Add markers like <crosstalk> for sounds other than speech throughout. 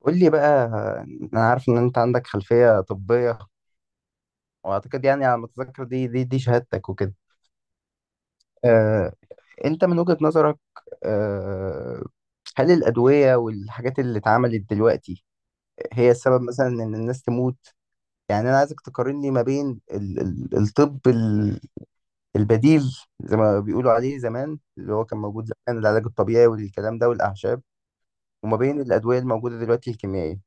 قول لي بقى. انا عارف ان انت عندك خلفية طبية، واعتقد يعني على ما اتذكر دي شهادتك وكده. آه، انت من وجهة نظرك، آه، هل الأدوية والحاجات اللي اتعملت دلوقتي هي السبب مثلا ان الناس تموت؟ يعني انا عايزك تقارن لي ما بين الطب البديل، زي ما بيقولوا عليه زمان، اللي هو كان موجود زمان، العلاج الطبيعي والكلام ده والأعشاب، وما بين الأدوية الموجودة دلوقتي الكيميائية.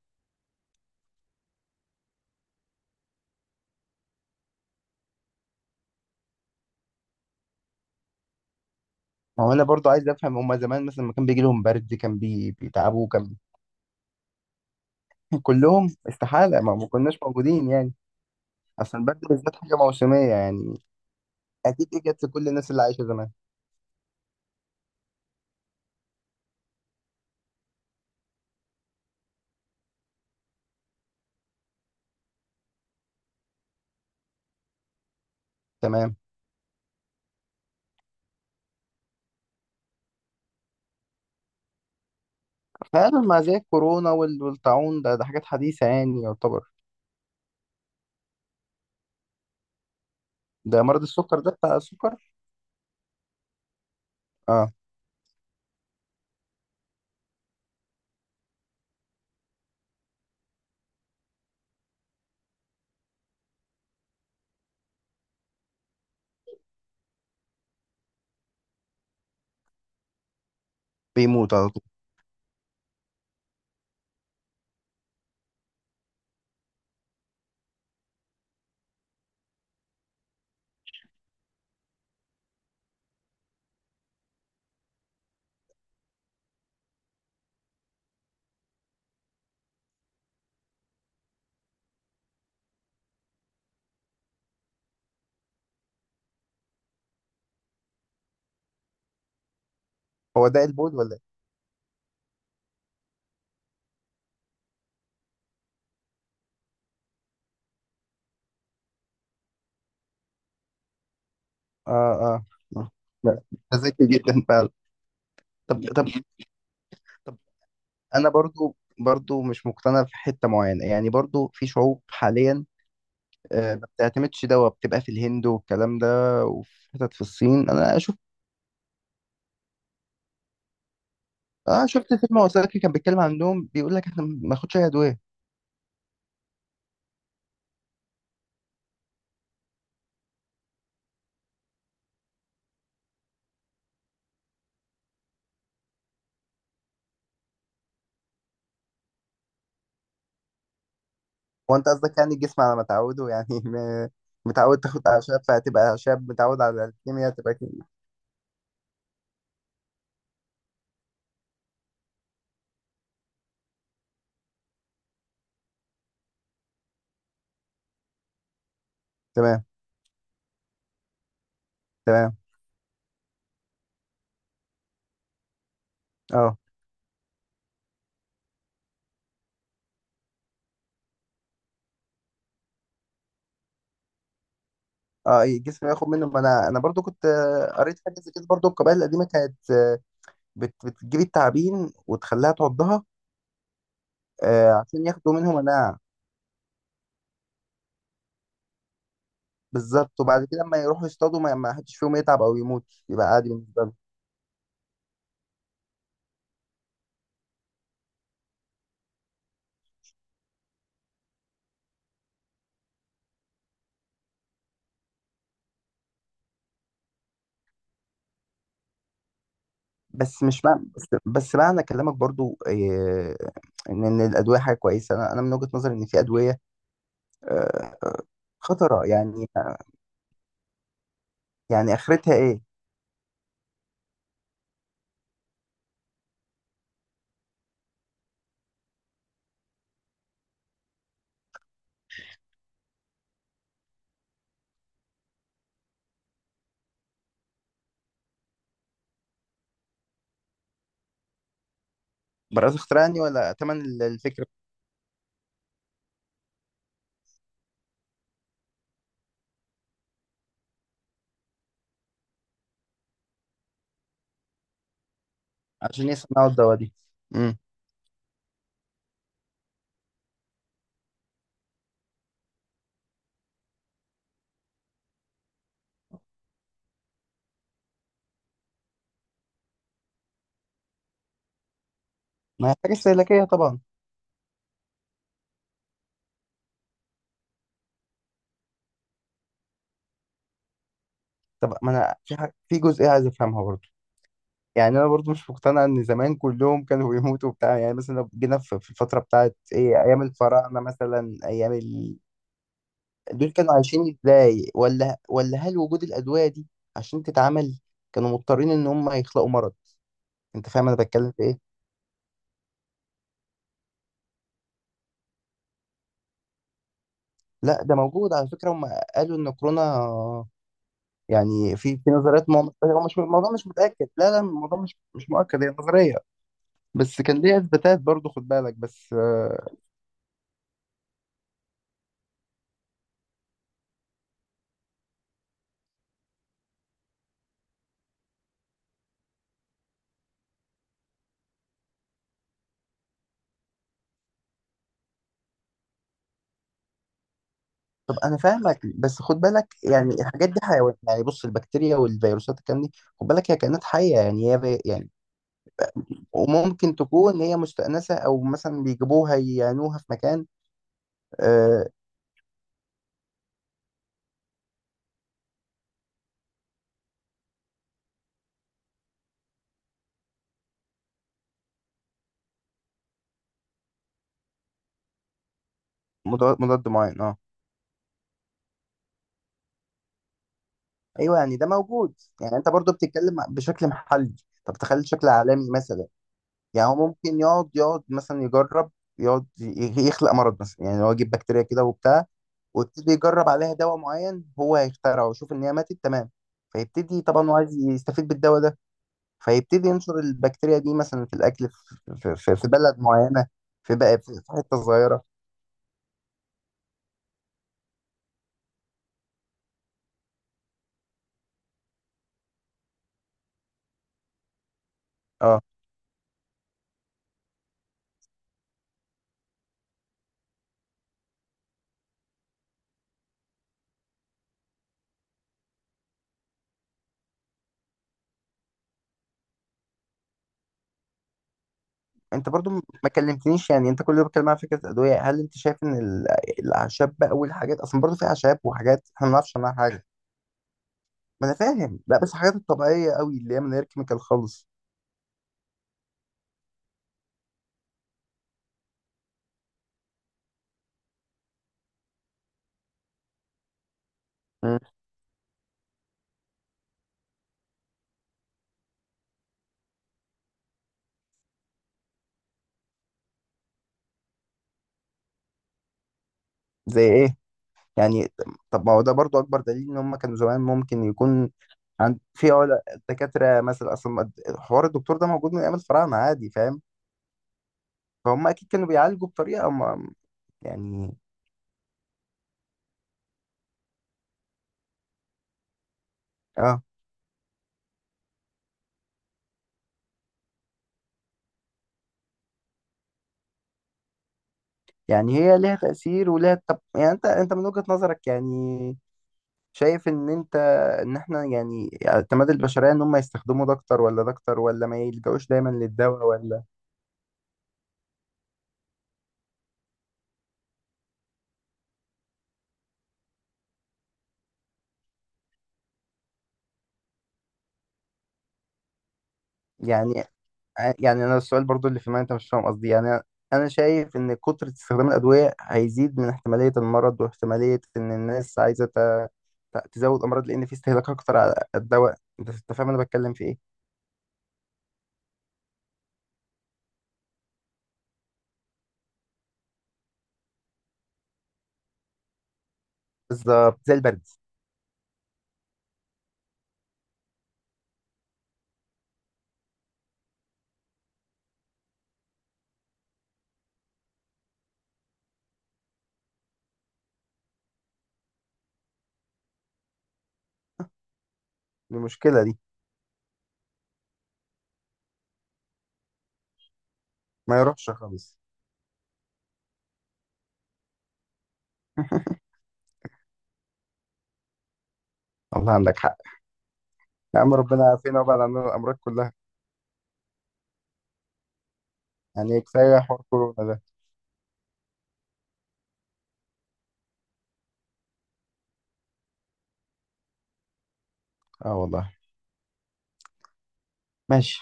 ما هو انا برضو عايز افهم، هما زمان مثلا لما كان بيجي لهم برد كان بيتعبوا، كان <laughs> كلهم؟ استحالة، ما كناش موجودين يعني. اصلا البرد بالذات حاجة موسمية يعني، اكيد دي جت لكل الناس اللي عايشة زمان. تمام. فعلا، مع زي الكورونا والطاعون، ده حاجات حديثة يعني يعتبر. ده مرض السكر، ده بتاع السكر. اه بيموت على طول. هو ده البول ولا ايه؟ اه، اه. لا، ده ذكي جدا فعلا. طب، طب، طب، انا برضو مش مقتنع في حتة معينة يعني. برضو في شعوب حاليا، ما بتعتمدش دوا، بتبقى في الهند والكلام ده، وفي حتت في الصين انا شفت. اه، شفت فيلم وثائقي كان بيتكلم عنهم، بيقول لك احنا ما ناخدش اي ادويه. هو انت قصدك يعني الجسم على ما تعوده؟ يعني <laughs> متعود تاخد اعشاب فهتبقى اعشاب، متعود على الكيمياء تبقى كيمياء. تمام، تمام. اه، اه، إيه، الجسم ياخد منه. ما انا برضو كنت، قريت حاجه زي كده. برضو القبائل القديمه كانت، بتجيب التعابين وتخليها تعضها، عشان ياخدوا منهم مناعه. بالظبط، وبعد كده لما يروحوا يصطادوا ما حدش فيهم يتعب او يموت، يبقى عادي بالنسبه لهم. بس مش معنى بس, بس معنى كلامك برضو إيه؟ ان الادويه حاجه كويسه، انا من وجهه نظري ان في ادويه، آه، خطره يعني. يعني اخرتها ايه؟ براءة اختراع يعني، ولا ثمن الفكر، عشان يصنعوا الدواء دي. امم ما هي حاجه استهلاكيه طبعا. طب ما انا في حاجة، في جزئيه عايز افهمها برضو. يعني انا برضو مش مقتنع ان زمان كلهم كانوا بيموتوا وبتاع، يعني مثلا لو جينا في الفتره بتاعت ايه، ايام الفراعنه مثلا، ايام دول كانوا عايشين ازاي؟ ولا هل وجود الادويه دي عشان تتعمل كانوا مضطرين ان هم يخلقوا مرض؟ انت فاهم انا بتكلم في ايه؟ لا، ده موجود على فكره، هم قالوا ان كورونا، يعني في نظريات، ما هو مش، الموضوع مش متاكد، لا لا، الموضوع مش مؤكد، هي نظريه بس كان ليها اثباتات برضو، خد بالك بس، آه. طب انا فاهمك، بس خد بالك يعني الحاجات دي حيوانات يعني، بص البكتيريا والفيروسات الكلام دي، خد بالك هي كائنات حيه يعني، هي يعني، وممكن تكون هي مستأنسة أو مثلا بيجيبوها يعينوها في مكان، آه. مضاد، مضاد معين، اه. أيوه، يعني ده موجود، يعني أنت برضو بتتكلم بشكل محلي، طب تخيل بشكل عالمي مثلا. يعني هو ممكن يقعد مثلا يجرب، يخلق مرض مثلا، يعني هو يجيب بكتيريا كده وبتاع، ويبتدي يجرب عليها دواء معين هو هيخترعه، ويشوف ان هي ماتت، تمام. فيبتدي طبعا هو عايز يستفيد بالدواء ده، فيبتدي ينشر البكتيريا دي مثلا في الاكل، في في بلد معينه، في بقى، في حته صغيره. اه. انت برضو ما كلمتنيش يعني، انت كل يوم بتتكلم عن فكره ادويه، هل انت شايف ان الاعشاب بقى والحاجات، اصلا برضو في اعشاب وحاجات احنا ما نعرفش عنها حاجه. ما انا فاهم، لا بس الحاجات الطبيعيه قوي اللي هي من غير كيميكال خالص. مم. زي ايه يعني؟ طب ما هو ده برضو اكبر دليل ان هم كانوا زمان، ممكن يكون عند دكاتره مثلا، اصلا حوار الدكتور ده موجود من ايام الفراعنه عادي، فاهم؟ فهم اكيد كانوا بيعالجوا بطريقه ما يعني. اه، يعني هي ليها تأثير وليها طب. يعني انت، انت من وجهة نظرك يعني، شايف ان انت، ان احنا يعني اعتماد البشرية ان هم يستخدموا ده اكتر ولا ده اكتر، ولا ما يلجأوش دايما للدواء، ولا؟ يعني، يعني انا السؤال برضو اللي في، ما انت مش فاهم قصدي يعني. انا شايف ان كترة استخدام الادوية هيزيد من احتمالية المرض، واحتمالية ان الناس عايزة تزود امراض، لان في استهلاك اكتر على الدواء. انت فاهم انا بتكلم في ايه؟ بالظبط زي البرد. المشكلة دي ما يروحش خالص. والله عندك حق. يا عم ربنا يعافينا وبعد عن الامراض كلها. يعني كفاية حوار كورونا ده. اه والله. ماشي.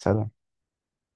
سلام.